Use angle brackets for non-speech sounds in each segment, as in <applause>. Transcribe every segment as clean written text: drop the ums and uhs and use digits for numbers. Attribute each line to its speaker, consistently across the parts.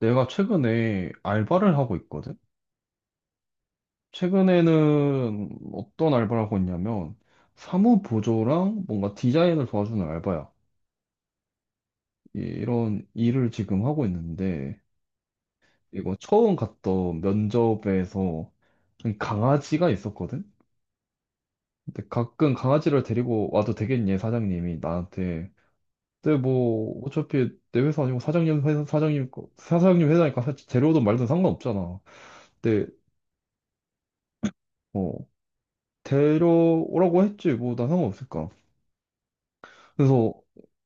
Speaker 1: 내가 최근에 알바를 하고 있거든? 최근에는 어떤 알바를 하고 있냐면, 사무 보조랑 뭔가 디자인을 도와주는 알바야. 이런 일을 지금 하고 있는데, 이거 처음 갔던 면접에서 강아지가 있었거든? 근데 가끔 강아지를 데리고 와도 되겠니? 사장님이 나한테. 근데 뭐, 어차피 내 회사 아니고 사장님 회사, 사장님, 사장님 회사니까 데려오든 말든 상관없잖아. 근데 뭐 데려오라고 했지 뭐 난 상관없을까 그래서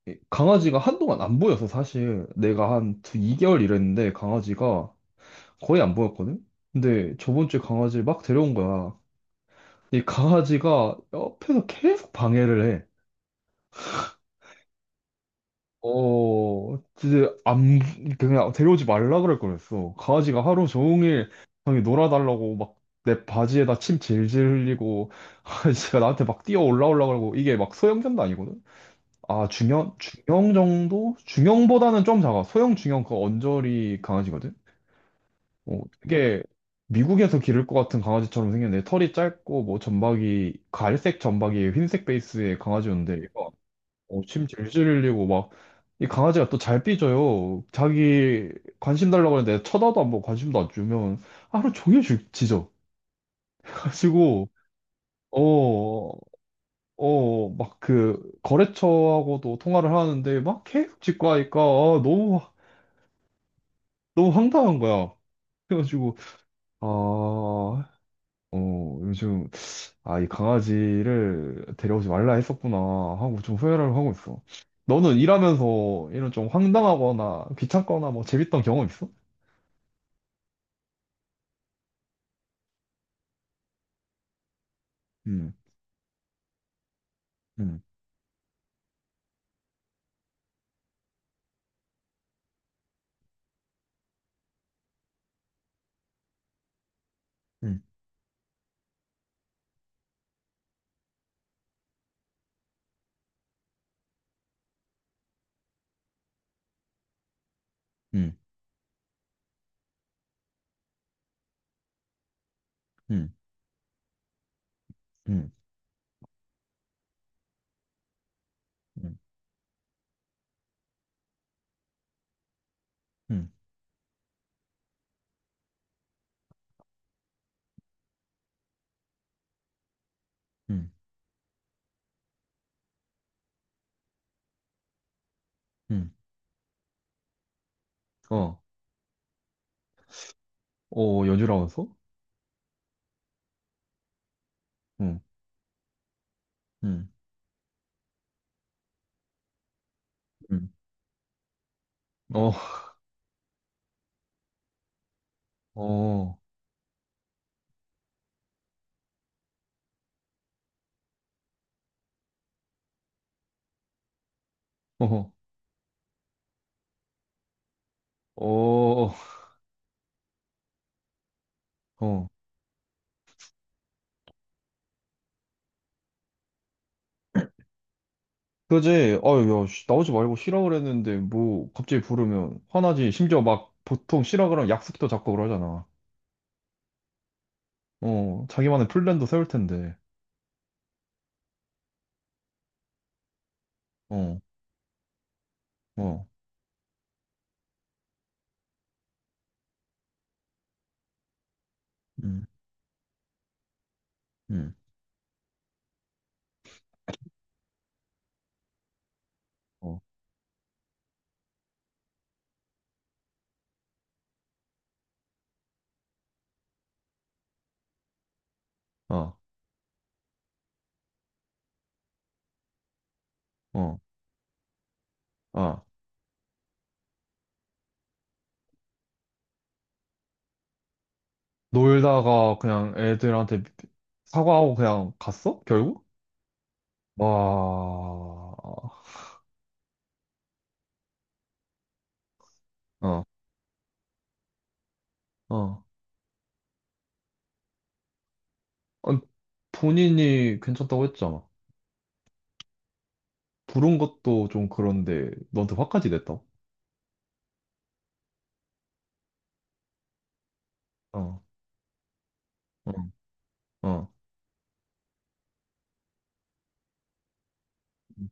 Speaker 1: 이 강아지가 한동안 안 보여서 사실 내가 한 2개월 일했는데 강아지가 거의 안 보였거든. 근데 저번 주에 강아지를 막 데려온 거야. 이 강아지가 옆에서 계속 방해를 해. 어, 진짜 안, 그냥 데려오지 말라 그럴 거랬어. 강아지가 하루 종일 형이 놀아달라고 막 내 바지에다 침 질질 흘리고, <laughs> 강아지가 나한테 막 뛰어 올라오려고 그러고, 이게 막 소형견도 아니거든? 아, 중형, 중형 정도? 중형보다는 좀 작아. 소형, 중형, 그 언저리 강아지거든? 어, 되게 미국에서 기를 것 같은 강아지처럼 생겼는데, 털이 짧고, 뭐, 점박이, 갈색 점박이, 흰색 베이스의 강아지였는데, 이거, 어, 침 질질 흘리고, 막, 이 강아지가 또 잘 삐져요. 자기 관심 달라고 하는데, 쳐다도 안 보고 관심도 안 주면, 하루 종일 짖어. <laughs> 가지고, 어, 어, 막 그, 거래처하고도 통화를 하는데, 막 계속 짖고 하니까, 아, 너무 너무 황당한 거야. 그래가지고 아, 어, 요즘, 아, 이 강아지를 데려오지 말라 했었구나 하고 좀 후회를 하고 있어. 너는 일하면서 이런 좀 황당하거나 귀찮거나 뭐 재밌던 경험 있어? 음, 음, 음, 음, 음, 음, 음, 음, 음, 음. 어, 어, 연주라면서? 응, 응, 응, 어, 어, 어, 어, 어. 그지? 아유, 야, 씨, 나오지 말고 쉬라 그랬는데, 뭐, 갑자기 부르면 화나지. 심지어 막, 보통 쉬라 그러면 약속도 잡고 그러잖아. 어, 자기만의 플랜도 세울 텐데. 어, 어, 음, 음, 어, 어, 어, 아. 놀다가 그냥 애들한테 사과하고 그냥 갔어? 결국? 와, 어, 어. 아니, 본인이 괜찮다고 했잖아. 부른 것도 좀 그런데, 너한테 화까지 냈다고? 어, 어, 어. 음,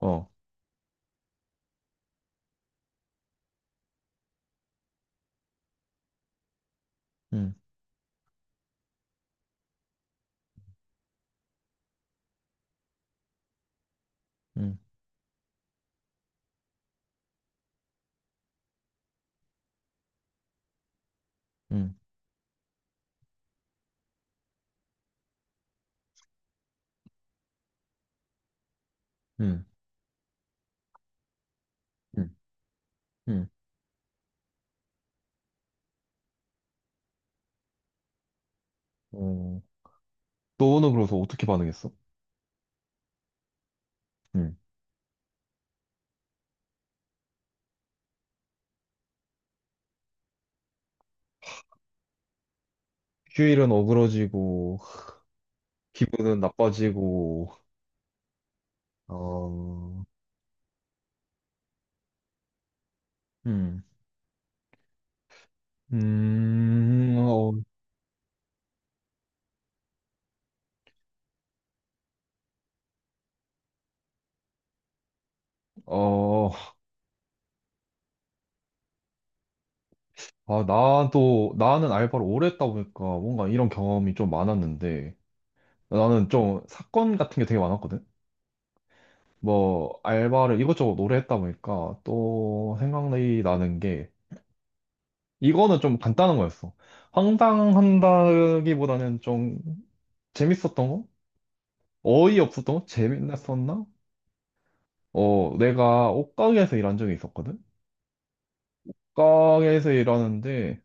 Speaker 1: 어. 음. 음, 음, 음, 음, 음. 어, 너는 그래서 어떻게 반응했어? 음. 휴일은 어그러지고, 기분은 나빠지고, 어, 음, 어, 어, 아, 나도, 나는 알바를 오래 했다 보니까 뭔가 이런 경험이 좀 많았는데, 나는 좀 사건 같은 게 되게 많았거든? 뭐, 알바를 이것저것 오래 했다 보니까 또 생각이 나는 게, 이거는 좀 간단한 거였어. 황당한다기보다는 좀 재밌었던 거? 어이없었던 거? 재밌었나? 어, 내가 옷가게에서 일한 적이 있었거든? 옷가게에서 일하는데,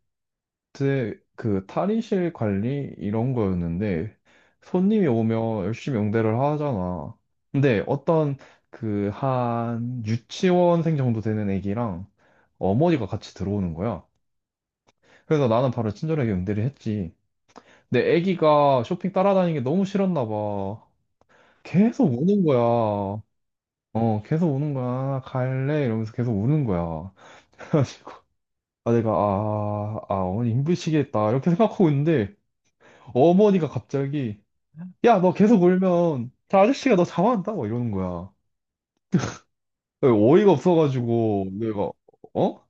Speaker 1: 제, 그 탈의실 관리 이런 거였는데, 손님이 오면 열심히 응대를 하잖아. 근데 어떤, 그 한 유치원생 정도 되는 애기랑 어머니가 같이 들어오는 거야. 그래서 나는 바로 친절하게 응대를 했지. 근데 애기가 쇼핑 따라다니는 게 너무 싫었나 봐. 계속 우는 거야. 어, 계속 우는 거야. 갈래? 이러면서 계속 우는 거야. 그래가지고, 아, 내가, 아, 아, 어머니 힘드시겠다. 이렇게 생각하고 있는데, 어머니가 갑자기, 야, 너 계속 울면, 저 아저씨가 너 잡아간다? 막 이러는 거야. 예, 어이가 없어가지고, 내가, 어?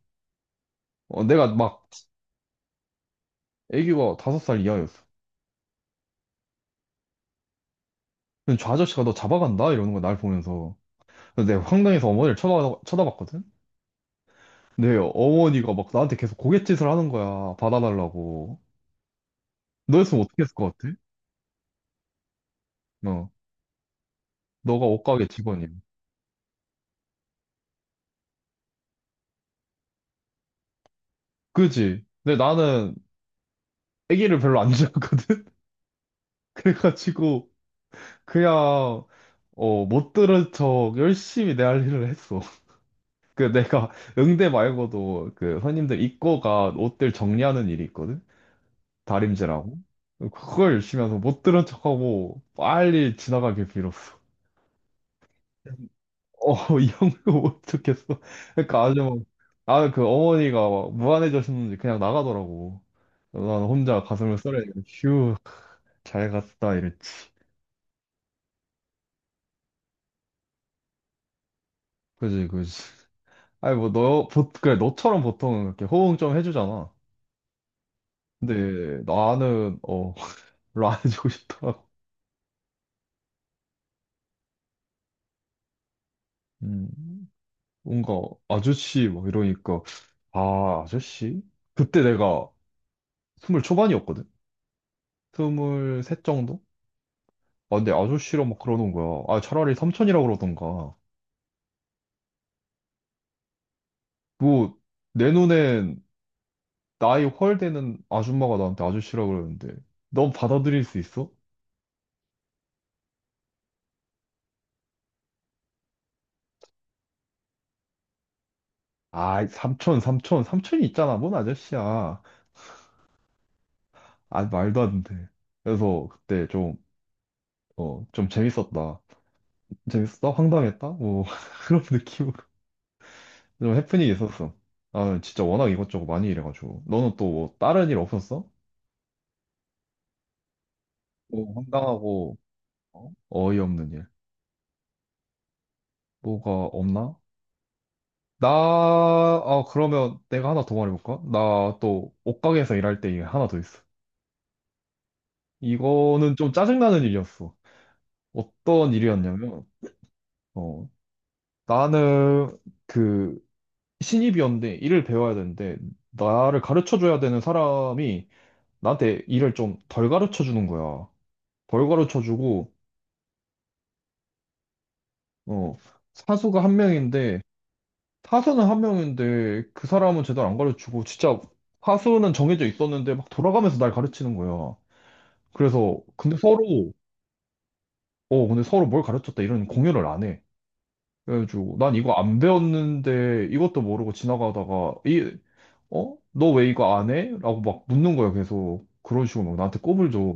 Speaker 1: 어, 내가 막, 애기가 다섯 살 이하였어. 근데 저 아저씨가 너 잡아간다? 이러는 거야, 날 보면서. 그래서 내가 황당해서 어머니를 쳐다봤거든? 내 어머니가 막 나한테 계속 고갯짓을 하는 거야. 받아달라고. 너였으면 어떻게 했을 것 같아? 어. 너가 옷가게 직원이야. 그지? 근데 나는 애기를 별로 안 좋아하거든? <laughs> 그래가지고 그냥, 어, 못 들은 척 열심히 내 할 일을 했어. <laughs> 그 내가 응대 말고도 그 손님들 입고가 옷들 정리하는 일이 있거든? 다림질하고. 그걸 열심히 해서 못 들은 척하고 빨리 지나가길 빌었어. 어, <laughs> 이 형도 못 듣겠어. 그러니까 아주 막, 아, 그 어머니가 막 무안해졌는지 그냥 나가더라고. 난 혼자 가슴을 썰어야 돼. 휴, 잘 갔다, 이랬지. 그지, 그지. 아니, 뭐, 너, 보, 그래, 너처럼 보통은 이렇게 호응 좀 해주잖아. 근데 나는, 어, <laughs> 별로 안 해주고 싶더라고. 음, 뭔가, 아저씨, 막 이러니까, 아, 아저씨? 그때 내가 스물 초반이었거든? 스물셋 정도? 아, 근데 아저씨라 막 그러는 거야. 아, 차라리 삼촌이라 그러던가. 뭐, 내 눈엔 나이 헐되는 아줌마가 나한테 아저씨라 그러는데, 넌 받아들일 수 있어? 아, 삼촌, 삼촌, 삼촌이 있잖아. 뭔 아저씨야. 아, 말도 안 돼. 그래서 그때 좀, 어, 좀 재밌었다. 재밌었다? 황당했다? 뭐, <laughs> 그런 느낌으로. 좀 해프닝이 있었어. 아, 진짜 워낙 이것저것 많이 일해가지고. 너는 또 뭐, 다른 일 없었어? 뭐, 황당하고, 어? 어이없는 일. 뭐가 없나? 나, 아, 그러면 내가 하나 더 말해볼까? 나 또 옷가게에서 일할 때 이게 하나 더 있어. 이거는 좀 짜증나는 일이었어. 어떤 일이었냐면, 어, 나는 그 신입이었는데 일을 배워야 되는데, 나를 가르쳐줘야 되는 사람이 나한테 일을 좀 덜 가르쳐주는 거야. 덜 가르쳐주고, 어, 사수가 한 명인데, 사수는 한 명인데 그 사람은 제대로 안 가르치고, 진짜 사수는 정해져 있었는데 막 돌아가면서 날 가르치는 거야. 그래서 근데 서로, 어, 근데 서로 뭘 가르쳤다 이런 공유를 안 해. 그래가지고 난 이거 안 배웠는데 이것도 모르고 지나가다가 이, 어? 너 왜 이거 안 해? 라고 막 묻는 거야. 계속 그런 식으로 막 나한테 꼽을 줘.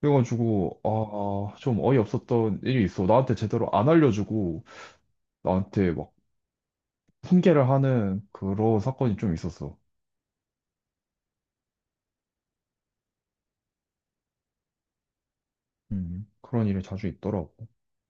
Speaker 1: 그래가지고 아 좀 어이없었던 일이 있어. 나한테 제대로 안 알려주고 나한테 막 훈계를 하는 그런 사건이 좀 있었어. 그런 일이 자주 있더라고.